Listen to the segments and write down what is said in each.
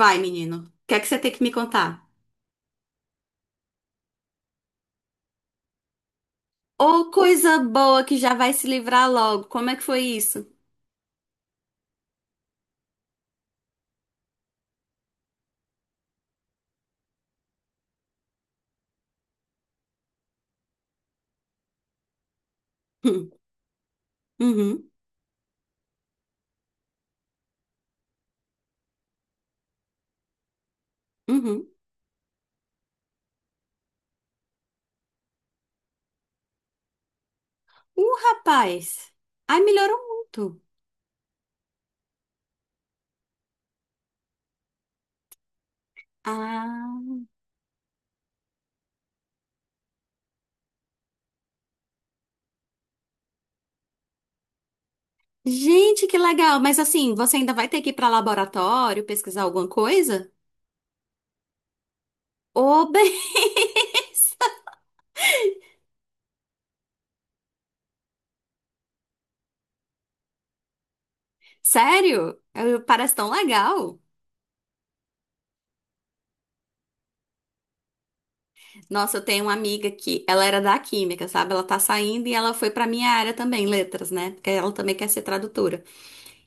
Vai, menino. O que é que você tem que me contar? Ô, coisa boa que já vai se livrar logo. Como é que foi isso? Hum. Uhum, uhum. Rapaz. Ai, melhorou muito. Ah, gente, que legal. Mas assim, você ainda vai ter que ir para laboratório pesquisar alguma coisa? Ô, bem. Sério? Parece tão legal. Nossa, eu tenho uma amiga que ela era da química, sabe? Ela tá saindo e ela foi pra minha área também, letras, né? Porque ela também quer ser tradutora.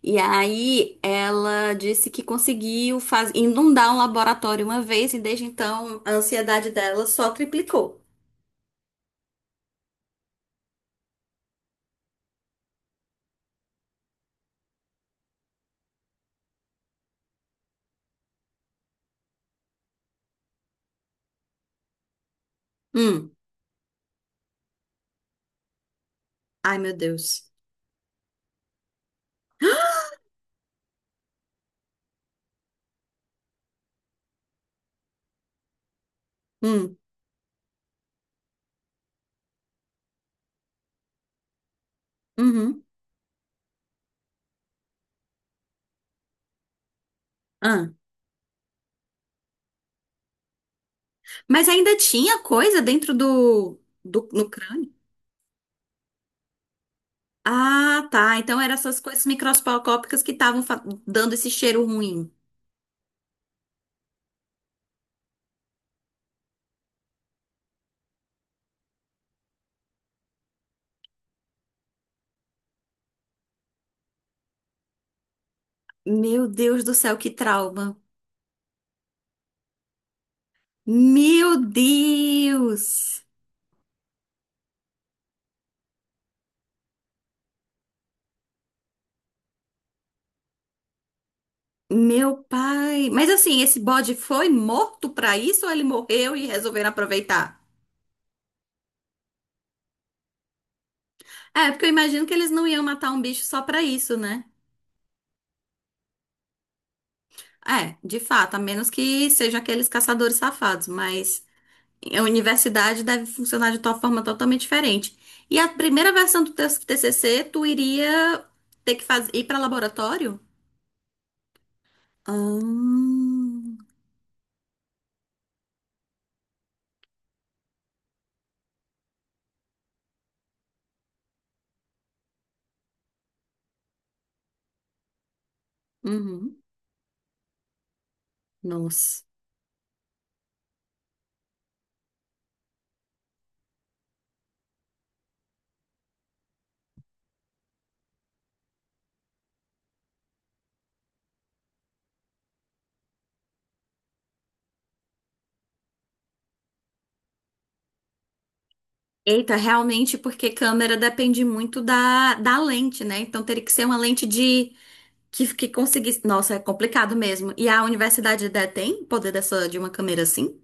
E aí ela disse que conseguiu inundar um laboratório uma vez e desde então a ansiedade dela só triplicou. Hum. Ai, meu Deus. Hum. Uhum. Ah. Mas ainda tinha coisa dentro do no crânio? Ah, tá. Então eram essas coisas microscópicas que estavam dando esse cheiro ruim. Meu Deus do céu, que trauma. Meu Deus! Meu pai. Mas assim, esse bode foi morto pra isso ou ele morreu e resolveram aproveitar? É, porque eu imagino que eles não iam matar um bicho só pra isso, né? É, de fato, a menos que sejam aqueles caçadores safados, mas a universidade deve funcionar de uma forma totalmente diferente. E a primeira versão do teu TCC, tu iria ter que ir pra laboratório? Ah, uhum. Nossa. Eita, realmente, porque câmera depende muito da lente, né? Então teria que ser uma lente de que conseguisse. Nossa, é complicado mesmo. E a universidade tem poder dessa de uma câmera assim?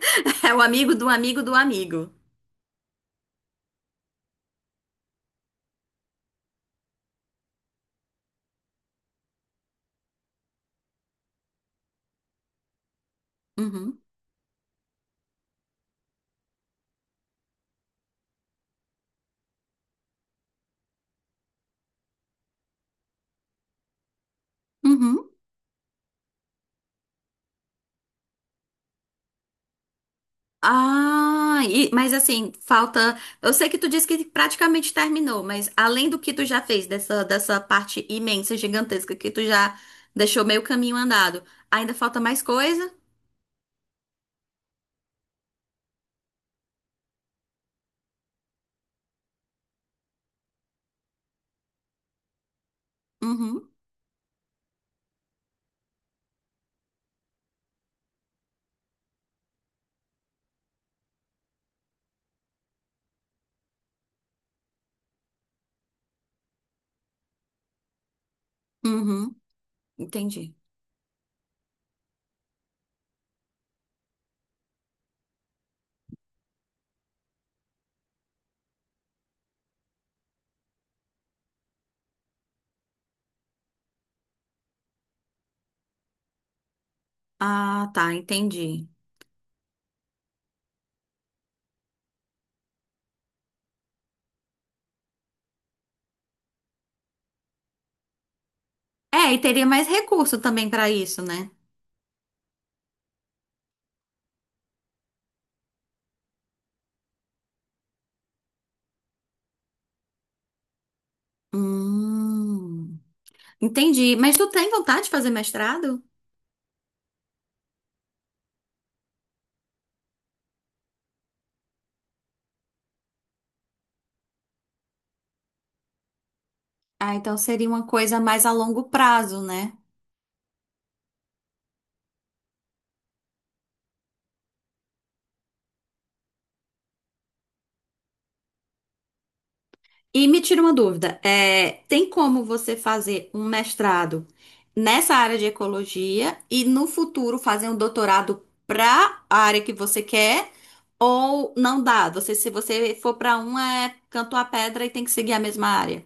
É o amigo do amigo do amigo. Uhum. Uhum. Ah, mas assim, falta. Eu sei que tu disse que praticamente terminou, mas além do que tu já fez, dessa parte imensa, gigantesca, que tu já deixou meio caminho andado, ainda falta mais coisa? Uhum. Uhum. Entendi. Ah, tá, entendi. É, e teria mais recurso também para isso, né? Hum, entendi. Mas tu tem vontade de fazer mestrado? Ah, então seria uma coisa mais a longo prazo, né? E me tira uma dúvida, tem como você fazer um mestrado nessa área de ecologia e no futuro fazer um doutorado para a área que você quer? Ou não dá? Você, se você for para um, é canto a pedra e tem que seguir a mesma área?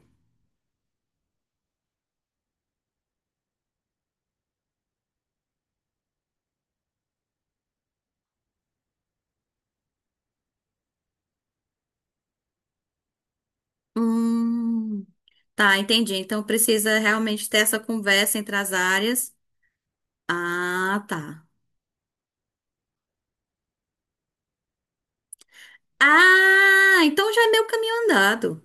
Hum. Tá, entendi. Então precisa realmente ter essa conversa entre as áreas. Ah, tá. Ah, então já é meio caminho andado.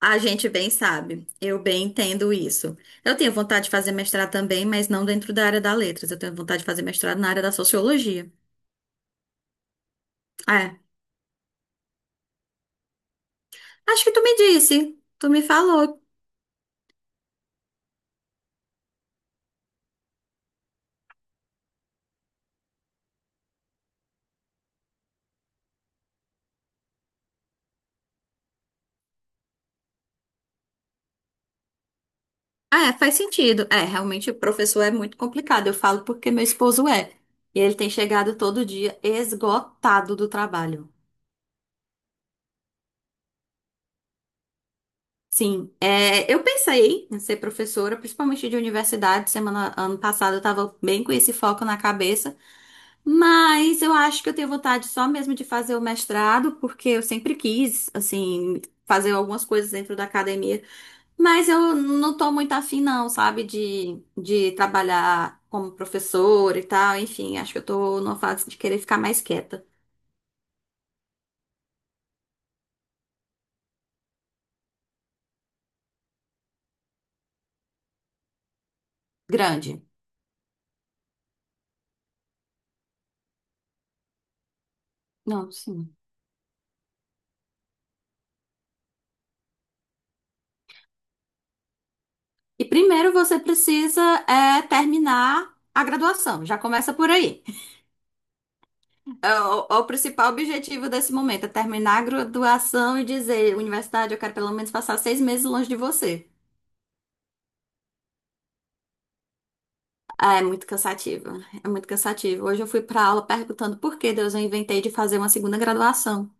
A gente bem sabe. Eu bem entendo isso. Eu tenho vontade de fazer mestrado também, mas não dentro da área da letras. Eu tenho vontade de fazer mestrado na área da sociologia. É. Acho que tu me disse. Tu me falou. Ah, é, faz sentido. É, realmente o professor é muito complicado. Eu falo porque meu esposo é. E ele tem chegado todo dia esgotado do trabalho. Sim, é, eu pensei em ser professora, principalmente de universidade. Semana, ano passado eu estava bem com esse foco na cabeça, mas eu acho que eu tenho vontade só mesmo de fazer o mestrado, porque eu sempre quis, assim, fazer algumas coisas dentro da academia, mas eu não tô muito afim, não, sabe, de trabalhar como professora e tal. Enfim, acho que eu tô numa fase de querer ficar mais quieta. Grande. Não, sim. E primeiro você precisa terminar a graduação, já começa por aí. É o principal objetivo desse momento é terminar a graduação e dizer, universidade, eu quero pelo menos passar 6 meses longe de você. É muito cansativo, é muito cansativo. Hoje eu fui pra aula perguntando por que Deus eu inventei de fazer uma segunda graduação.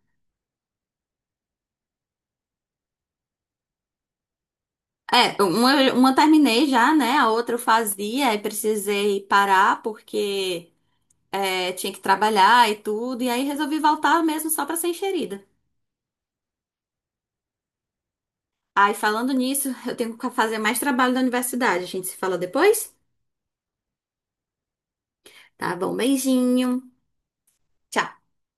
É, uma eu terminei já, né? A outra eu fazia e precisei parar porque tinha que trabalhar e tudo. E aí resolvi voltar mesmo só para ser enxerida. Ai, falando nisso, eu tenho que fazer mais trabalho da universidade. A gente se fala depois? Tá bom, beijinho. Tchau.